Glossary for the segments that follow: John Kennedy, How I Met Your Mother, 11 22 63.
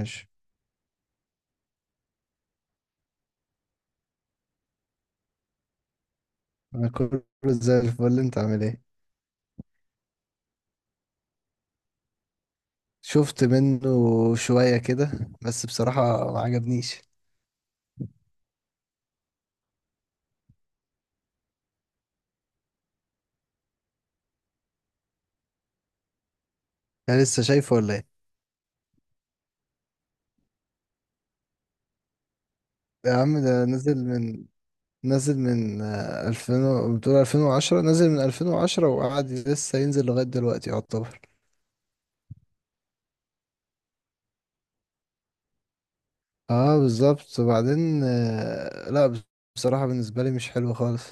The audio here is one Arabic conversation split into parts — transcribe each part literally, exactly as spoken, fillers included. ماشي. انا كله زي الفل، انت عامل ايه؟ شفت منه شوية كده، بس بصراحة ما عجبنيش. انا لسه شايفه ولا ايه؟ يا عم ده نزل من نزل من آه، ألفين و- بتقول ألفين وعشرة، نزل من ألفين وعشرة وقعد لسه ينزل لغاية دلوقتي يعتبر. اه بالظبط. وبعدين آه، لا بص- بصراحة بالنسبة لي مش حلو خالص.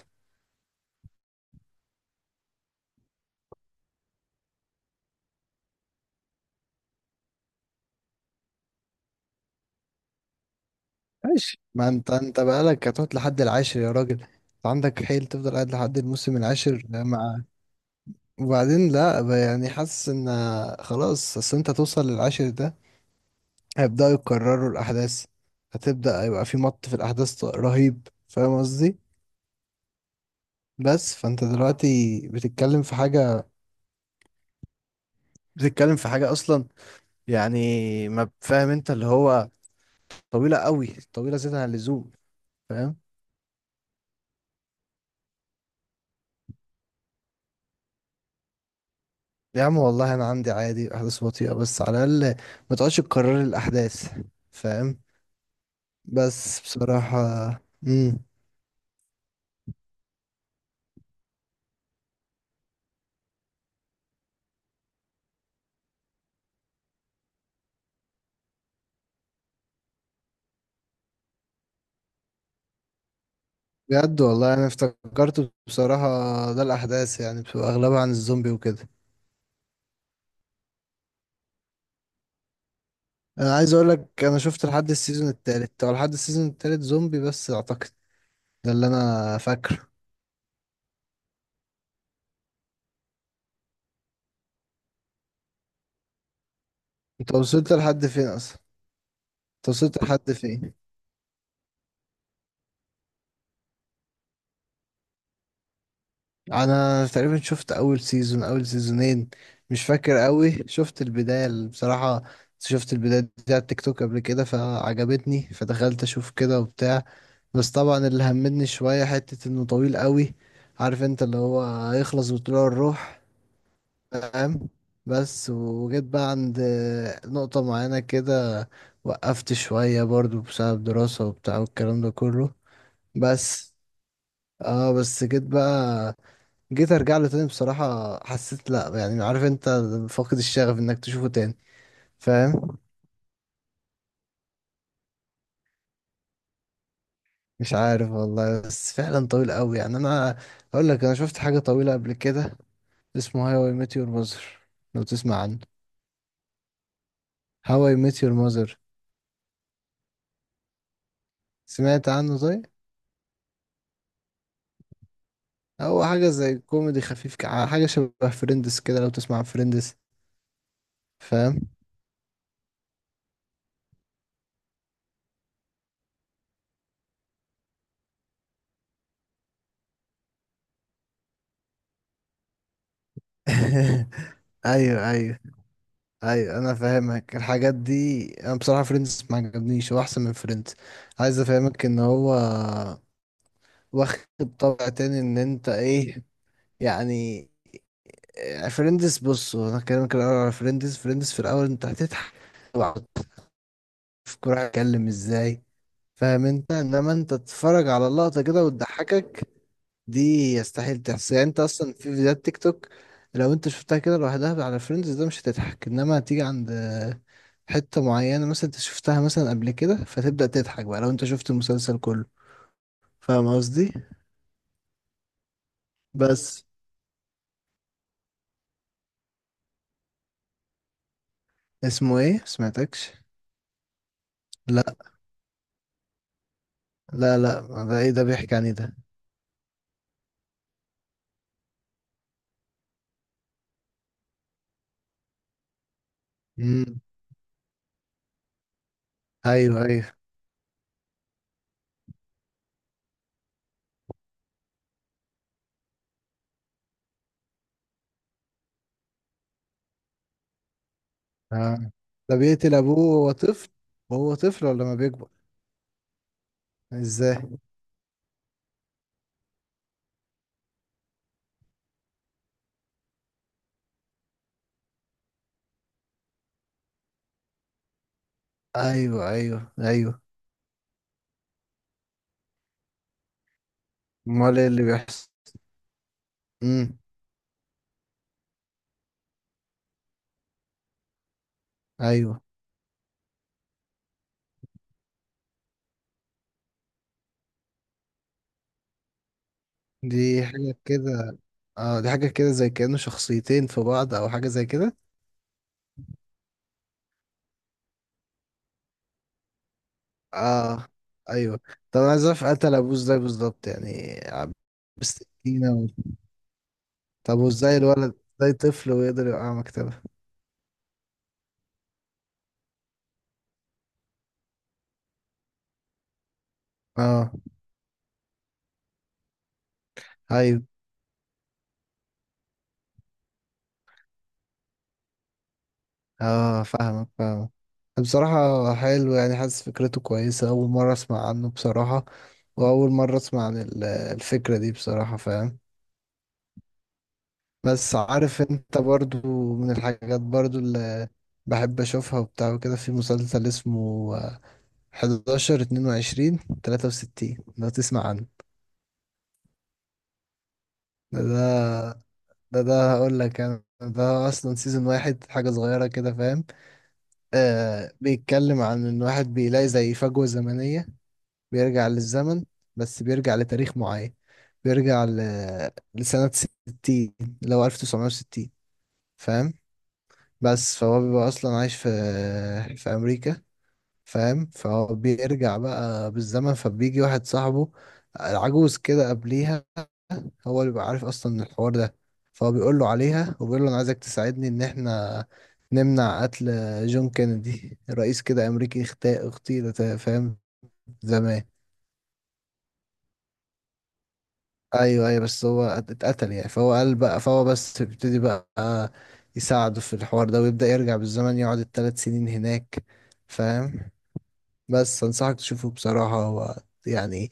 ماشي، ما انت انت بقالك هتقعد لحد العاشر، يا راجل انت عندك حيل تفضل قاعد لحد الموسم العاشر مع... وبعدين لا ب- يعني حاسس ان... خلاص اصل انت توصل للعاشر ده هيبدأوا يكرروا الأحداث. هتبدأ يبقى في مط في الأحداث ط- رهيب، فاهم قصدي؟ بس فانت دلوقتي بتتكلم في حاجة، بتتكلم في حاجة أصلا. يعني، ما فاهم انت اللي هو... طويلة قوي، طويلة زيادة عن اللزوم. فاهم. يا عم والله أنا عندي عادي أحداث بطيئة، بس على الأقل ما تقعدش تكرر الأحداث. فاهم. بس بصراحة... مم. بجد والله انا افتكرته بصراحة، ده الاحداث يعني بتبقى اغلبها عن الزومبي وكده. انا عايز اقول لك انا شفت لحد السيزون التالت، او لحد السيزون التالت زومبي بس اعتقد، ده اللي انا فاكره. انت وصلت لحد فين اصلا؟ انت وصلت لحد فين انا تقريبا شفت اول سيزون، اول سيزونين، مش فاكر قوي. شفت البداية ال- بصراحة، شفت البداية دي على التيك توك قبل كده فعجبتني، فدخلت اشوف كده وبتاع. بس طبعا اللي همدني شوية حتة انه طويل قوي. عارف انت اللي هو هيخلص بطلوع الروح. فاهم. بس وجيت بقى عند نقطة معينة كده، وقفت شوية برضو بسبب دراسة وبتاع والكلام ده كله. بس اه بس جيت بقى جيت ارجع له تاني. بصراحة حسيت لا يعني عارف انت، فاقد الشغف انك تشوفه تاني. فاهم. مش عارف والله، بس فعلا طويل قوي يعني. انا اقول لك انا شفت حاجة طويلة قبل كده، اسمه هاو اي ميت يور ماذر، لو تسمع عنه. هاو اي ميت يور ماذر. سمعت عنه؟ طيب، هو حاجة زي كوميدي خفيف، كع- حاجة شبه فريندز كده، لو تسمع عن فريندز. فاهم. ايوه، ايوه، ايوه انا فاهمك. الحاجات دي انا بصراحة فريندز ما عجبنيش، هو احسن من فريندز. عايز افهمك ان هو واخد طابع تاني، ان انت ايه، يعني. فريندز، بص انا كلامك الاول على فريندز، فريندز في الاول انت هتضحك وهتعرف الكورة هتتكلم ازاي، فاهم انت، انما انت تتفرج على اللقطة كده وتضحكك، دي يستحيل تحصل يعني. انت اصلا في فيديوهات تيك توك لو انت شفتها كده لوحدها على فريندز ده مش هتضحك، انما هتيجي عند حتة معينة مثلا انت شفتها مثلا قبل كده فتبدأ تضحك بقى لو انت شفت المسلسل كله. فاهم قصدي. بس اسمه ايه؟ سمعتكش. لا، لا، لا. ده ايه ده، بيحكي عن ايه ده؟ امم. ايوه، ايوه. اه، ده بيقتل ابوه وهو طفل؟ وهو طفل ولا ما بيكبر؟ ازاي؟ ايوه، ايوه، ايوه. امال ايه اللي بيحصل؟ امم. ايوه. دي حاجة كده، اه دي حاجة كده زي كأنه شخصيتين في بعض او حاجة زي كده. اه. ايوه. طب انا عايز اعرف قتل ابوه ازاي بالظبط يعني عب- بالسكينة و... طب وازاي الولد، ازاي طفل ويقدر يوقع مكتبه؟ اه. ايوه. اه فاهمك، فاهمك. بصراحة حلو، يعني حاسس فكرته كويسة، أول مرة أسمع عنه بصراحة. وأول مرة أسمع عن ال- الفكرة دي بصراحة، فاهم. بس عارف انت برضو، من الحاجات برضو اللي بحب اشوفها وبتاع وكده، في مسلسل اسمه إحدى عشر اتنين وعشرين تلاتة وستين، لو تسمع عنه. ده ده ده, ده هقول لك انا، ده اصلا سيزون واحد، حاجة صغيرة كده، فاهم. آه بيتكلم عن ان واحد بيلاقي زي فجوة زمنية، بيرجع للزمن، بس بيرجع لتاريخ معين، بيرجع ل... لسنة ستين، اللي هو ألف وتسعمائة وستين. فاهم. بس فهو بيبقى اصلا عايش في في امريكا، فاهم. فهو بيرجع بقى بالزمن، فبيجي واحد صاحبه العجوز كده قبليها، هو اللي بيبقى عارف اصلا الحوار ده، فهو بيقول له عليها وبيقول له انا عايزك تساعدني ان احنا نمنع قتل جون كينيدي، رئيس كده امريكي اغتا- اغتيل تا- فاهم، زمان. ايوه، ايوه، بس هو ات- اتقتل يعني. فهو قال بقى، فهو بس بيبتدي بقى يساعده في الحوار ده، ويبدأ يرجع بالزمن، يقعد الثلاث سنين هناك. فاهم. بس انصحك تشوفه بصراحة هو، يعني،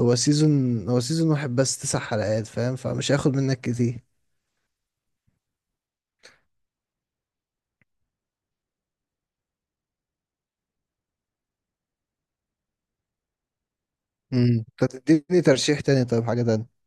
هو سيزون هو سيزون واحد بس تسع حلقات، فاهم، فمش هياخد منك كتير. امم. طب تديني ترشيح تاني طيب، حاجة تانية.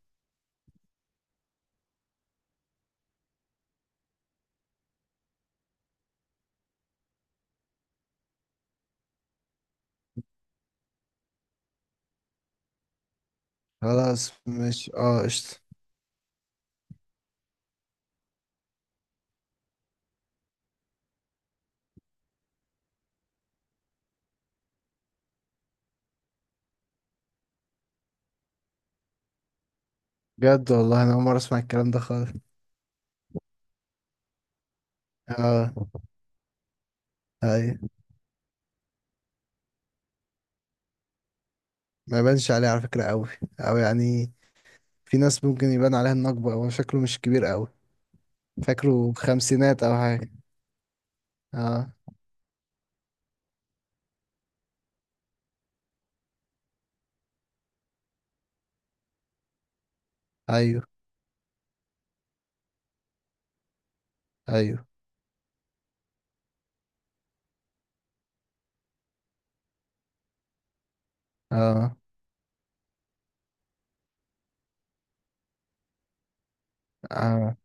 خلاص، مش اه، قشطة. بجد والله انا اول مرة اسمع الكلام ده خالص. اه. اي، ما يبانش عليه على فكرة قوي، او يعني، في ناس ممكن يبان عليها النقبة، هو شكله مش كبير قوي. فاكره خمسينات او حاجة. اه. ايوه، ايوه. اه. اه.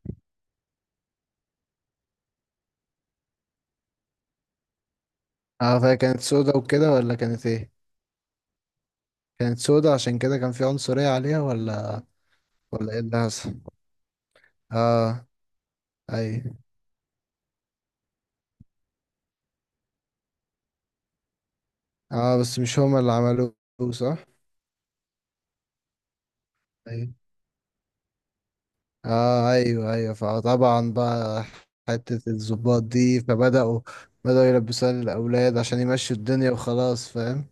اه فهي كانت سودا وكده ولا كانت ايه؟ كانت سودة عشان كده كان في عنصرية عليها ولا، ولا ايه اللي حصل؟ اه. اي. اه بس مش هما اللي عملوه. صح. اي. اه، ايوه، ايوه، فطبعا بقى حتة الضباط دي فبدأوا بدأوا يلبسوها للأولاد عشان يمشوا الدنيا وخلاص. فاهم.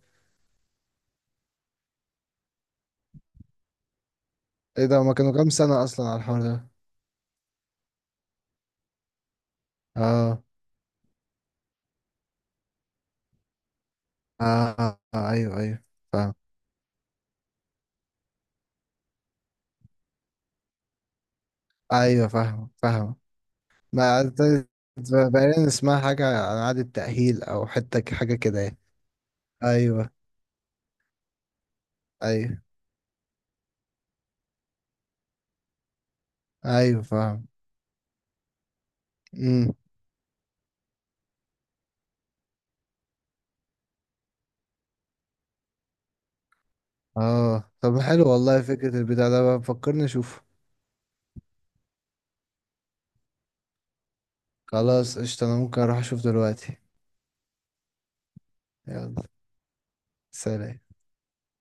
ايه ده، هما كانوا كام سنة أصلا على الحوار ده؟ اه. اه. آه، ايوه، ايوه فاهم. ايوه فاهم، فاهم. ما عاد- بقينا نسمع حاجة عن إعادة تأهيل أو حتة حاجة كده يعني. ايوه، ايوه، ايوه فاهم. امم. اه طب حلو والله فكرة البتاع ده، بقى فكرني اشوفه. خلاص قشطة، انا ممكن اروح اشوف دلوقتي. يلا، سلام.